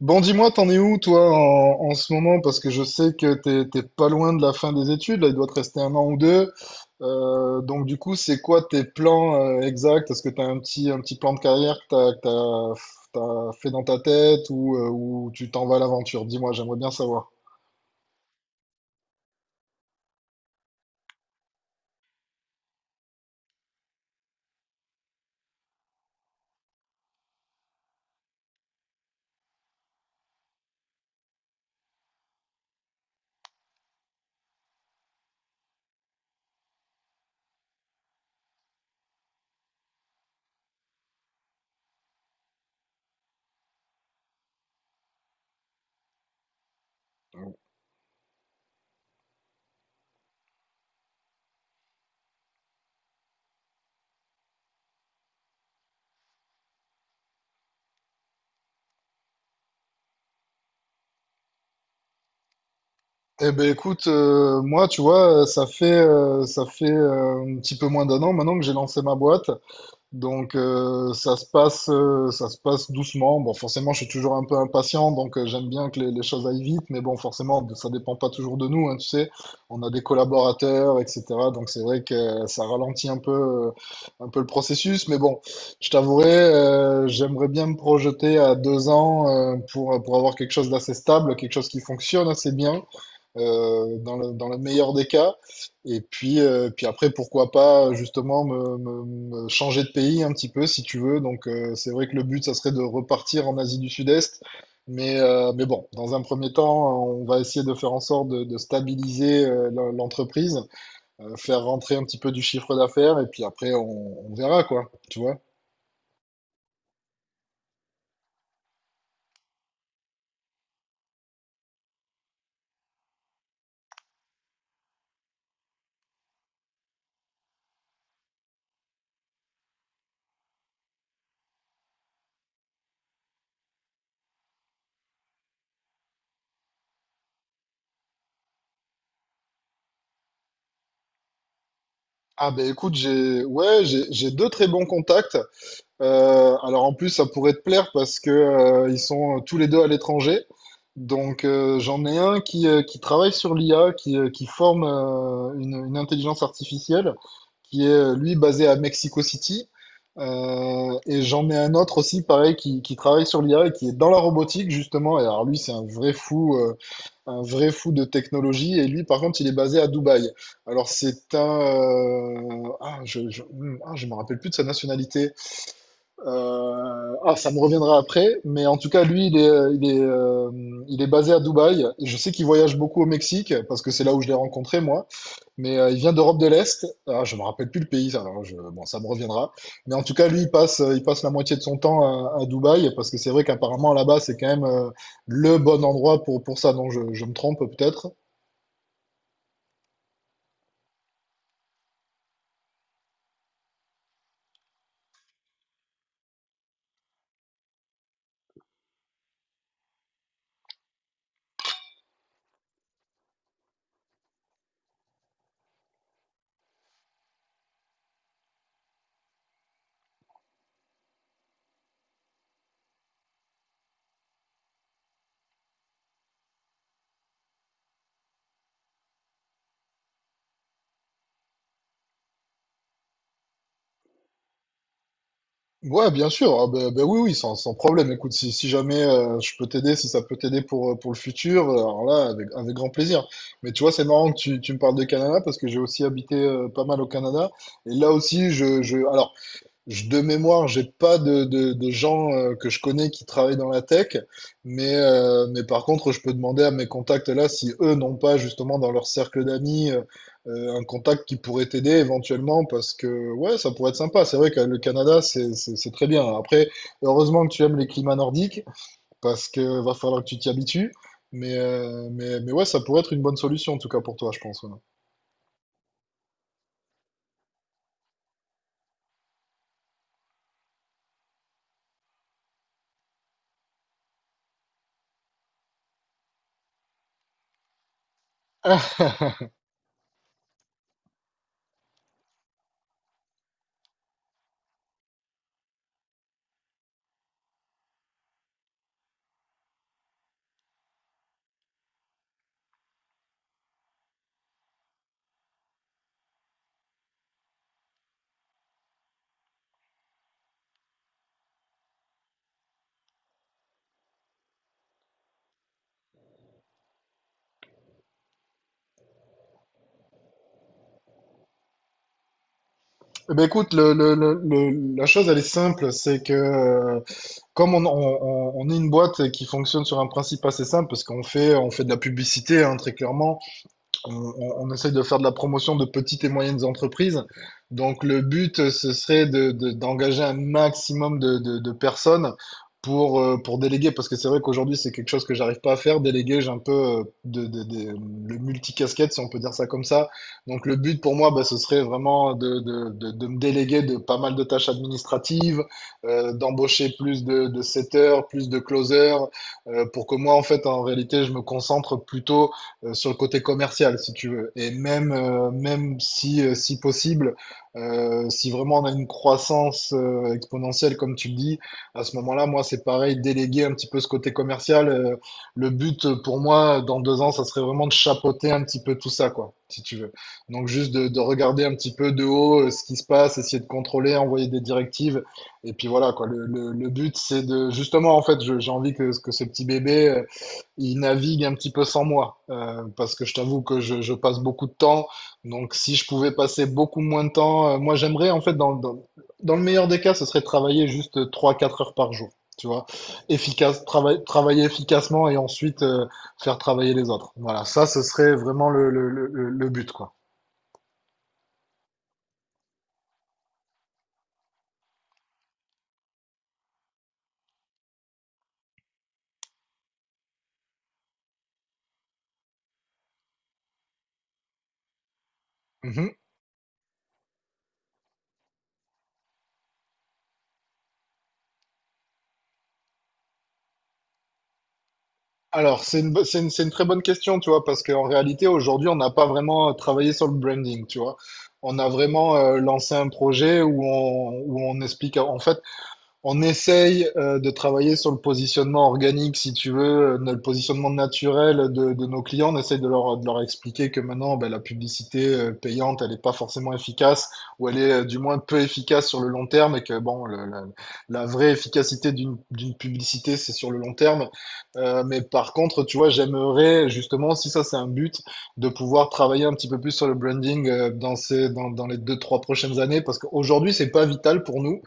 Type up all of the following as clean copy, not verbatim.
Bon, dis-moi, t'en es où, toi, en ce moment? Parce que je sais que t'es pas loin de la fin des études, là, il doit te rester un an ou deux. Donc, du coup, c'est quoi tes plans exacts? Est-ce que t'as un petit plan de carrière que t'as fait dans ta tête ou ou tu t'en vas à l'aventure? Dis-moi, j'aimerais bien savoir. Eh ben écoute, moi tu vois, ça fait un petit peu moins d'un an maintenant que j'ai lancé ma boîte. Donc ça se passe doucement. Bon, forcément, je suis toujours un peu impatient, donc j'aime bien que les choses aillent vite, mais bon, forcément, ça dépend pas toujours de nous, hein, tu sais. On a des collaborateurs, etc. Donc c'est vrai que ça ralentit euh, un peu le processus, mais bon, je t'avouerai, j'aimerais bien me projeter à deux ans pour avoir quelque chose d'assez stable, quelque chose qui fonctionne assez bien dans le meilleur des cas. Puis après, pourquoi pas justement me changer de pays un petit peu si tu veux. Donc, c'est vrai que le but, ça serait de repartir en Asie du Sud-Est. Mais bon, dans un premier temps, on va essayer de faire en sorte de stabiliser l'entreprise, faire rentrer un petit peu du chiffre d'affaires et puis après, on verra quoi, tu vois. Ah ben écoute, j'ai ouais, j'ai deux très bons contacts. Alors en plus, ça pourrait te plaire parce que ils sont tous les deux à l'étranger. Donc j'en ai un qui travaille sur l'IA, qui forme une intelligence artificielle, qui est lui basé à Mexico City. Et j'en ai un autre aussi, pareil, qui travaille sur l'IA et qui est dans la robotique justement. Et alors lui, c'est un vrai fou de technologie. Et lui, par contre, il est basé à Dubaï. Alors c'est un, ah, je, ah, je me rappelle plus de sa nationalité. Ça me reviendra après, mais en tout cas, lui, il est basé à Dubaï. Et je sais qu'il voyage beaucoup au Mexique parce que c'est là où je l'ai rencontré, moi. Mais il vient d'Europe de l'Est. Ah, je me rappelle plus le pays, bon, ça me reviendra. Mais en tout cas, lui, il passe la moitié de son temps à Dubaï parce que c'est vrai qu'apparemment là-bas, c'est quand même le bon endroit pour ça. Non, je me trompe peut-être. Ouais, bien sûr. Ah, ben oui, oui, sans problème. Écoute, si, si jamais je peux t'aider, si ça peut t'aider pour le futur, alors là, avec, avec grand plaisir. Mais tu vois, c'est marrant que tu me parles de Canada parce que j'ai aussi habité pas mal au Canada. Et là aussi, de mémoire, j'ai pas de gens que je connais qui travaillent dans la tech, mais par contre, je peux demander à mes contacts là si eux n'ont pas justement dans leur cercle d'amis un contact qui pourrait t'aider éventuellement parce que ouais, ça pourrait être sympa. C'est vrai que le Canada, c'est très bien. Après, heureusement que tu aimes les climats nordiques parce que va falloir que tu t'y habitues. Mais ouais, ça pourrait être une bonne solution en tout cas pour toi, je pense. Ouais. Ah, eh ben écoute, la chose elle est simple, c'est que comme on est une boîte qui fonctionne sur un principe assez simple, parce qu'on fait, on fait de la publicité, hein, très clairement, on essaie de faire de la promotion de petites et moyennes entreprises. Donc le but, ce serait d'engager un maximum de personnes pour déléguer, parce que c'est vrai qu'aujourd'hui, c'est quelque chose que j'arrive pas à faire. Déléguer, j'ai un peu le multicasquette, si on peut dire ça comme ça. Donc le but pour moi, bah, ce serait vraiment de me déléguer de pas mal de tâches administratives, d'embaucher plus de setters, plus de closers, pour que moi, en fait, en réalité, je me concentre plutôt sur le côté commercial, si tu veux. Et même, même si, si possible, si vraiment on a une croissance exponentielle, comme tu le dis, à ce moment-là, moi, c'est pareil, déléguer un petit peu ce côté commercial. Le but pour moi, dans deux ans, ça serait vraiment de chapeauter un petit peu tout ça, quoi, si tu veux. Donc juste de regarder un petit peu de haut ce qui se passe, essayer de contrôler, envoyer des directives. Et puis voilà, quoi. Le but, c'est de, justement, en fait, j'ai envie que ce petit bébé il navigue un petit peu sans moi, parce que je t'avoue que je passe beaucoup de temps. Donc, si je pouvais passer beaucoup moins de temps, moi j'aimerais en fait, dans le meilleur des cas, ce serait de travailler juste trois quatre heures par jour, tu vois, efficace, travailler efficacement et ensuite faire travailler les autres. Voilà, ça, ce serait vraiment le but, quoi. Mhm. Alors, c'est une, bo- c'est une très bonne question, tu vois, parce qu'en réalité, aujourd'hui, on n'a pas vraiment travaillé sur le branding, tu vois. On a vraiment lancé un projet où on explique, en fait, on essaye de travailler sur le positionnement organique, si tu veux, le positionnement naturel de nos clients. On essaye de leur expliquer que maintenant, ben, la publicité payante, elle n'est pas forcément efficace, ou elle est du moins peu efficace sur le long terme, et que bon, la, la vraie efficacité d'une publicité, c'est sur le long terme. Mais par contre, tu vois, j'aimerais justement, si ça c'est un but, de pouvoir travailler un petit peu plus sur le branding dans ces, dans les deux, trois prochaines années, parce qu'aujourd'hui, c'est pas vital pour nous.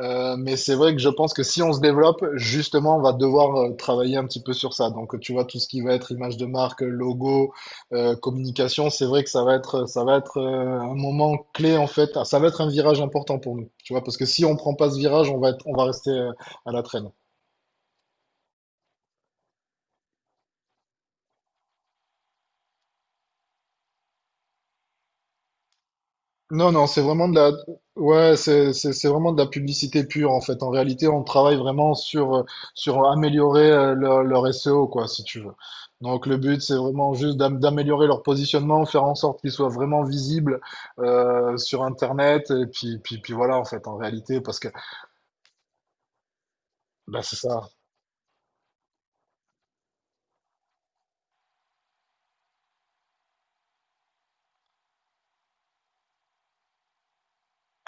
Mais c'est vrai que je pense que si on se développe, justement, on va devoir travailler un petit peu sur ça. Donc, tu vois, tout ce qui va être image de marque, logo, communication, c'est vrai que ça va être un moment clé, en fait. Ah, ça va être un virage important pour nous, tu vois, parce que si on prend pas ce virage, on va rester à la traîne. Non, non, c'est vraiment de la, ouais, c'est vraiment de la publicité pure, en fait. En réalité, on travaille vraiment sur, sur améliorer leur SEO, quoi, si tu veux. Donc, le but, c'est vraiment juste d'améliorer leur positionnement, faire en sorte qu'ils soient vraiment visibles, sur Internet, et puis, puis voilà, en fait, en réalité, parce que, bah, c'est ça.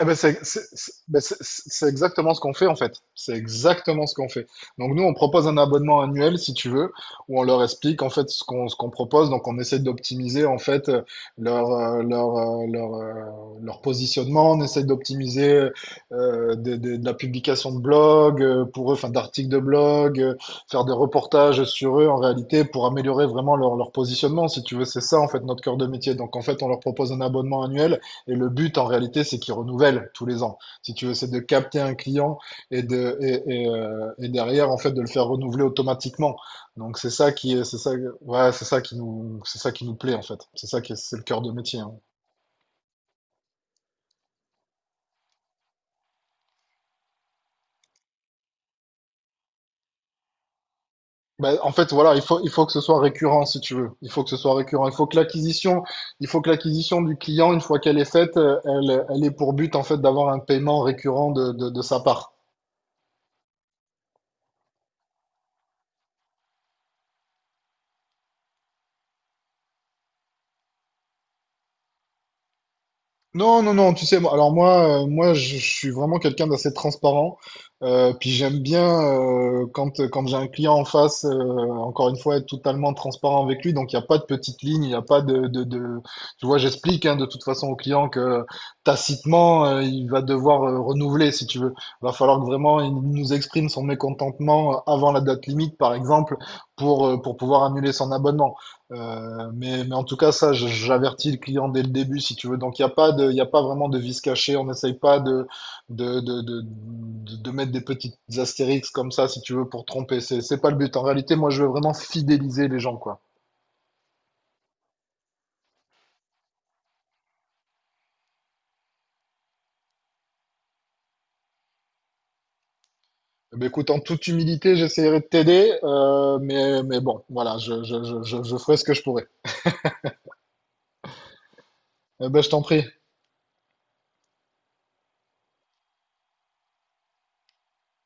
Eh ben, c'est exactement ce qu'on fait en fait. C'est exactement ce qu'on fait. Donc nous, on propose un abonnement annuel, si tu veux, où on leur explique en fait ce qu'on propose. Donc on essaie d'optimiser en fait leur euh, leur euh, leur, euh, leur positionnement. On essaie d'optimiser de la publication de blog pour eux, enfin d'articles de blog, faire des reportages sur eux en réalité pour améliorer vraiment leur positionnement, si tu veux. C'est ça en fait notre cœur de métier. Donc en fait, on leur propose un abonnement annuel et le but, en réalité, c'est qu'ils renouvellent tous les ans. Si tu veux, c'est de capter un client et derrière, en fait, de le faire renouveler automatiquement. Donc, c'est ça, ouais, c'est ça qui nous plaît, en fait. C'est ça qui est, c'est le cœur de métier, hein. Ben, en fait, voilà, il faut que ce soit récurrent, si tu veux. Il faut que ce soit récurrent. Il faut que l'acquisition du client, une fois qu'elle est faite, elle est pour but, en fait, d'avoir un paiement récurrent de sa part. Non, non, non, tu sais, je suis vraiment quelqu'un d'assez transparent. Puis j'aime bien quand, quand j'ai un client en face, encore une fois, être totalement transparent avec lui. Donc il n'y a pas de petite ligne, il n'y a pas de... Tu vois, j'explique hein, de toute façon au client que tacitement, il va devoir renouveler, si tu veux. Va falloir que vraiment il nous exprime son mécontentement avant la date limite, par exemple, pour pouvoir annuler son abonnement. Mais en tout cas, ça, j'avertis le client dès le début, si tu veux. Donc, il y a pas vraiment de vis caché. On n'essaye pas de mettre des petites astérix comme ça, si tu veux, pour tromper. C'est pas le but. En réalité, moi, je veux vraiment fidéliser les gens, quoi. Mais écoute, en toute humilité, j'essaierai de t'aider, mais bon, voilà, je ferai ce que je pourrai. Eh ben, je t'en prie.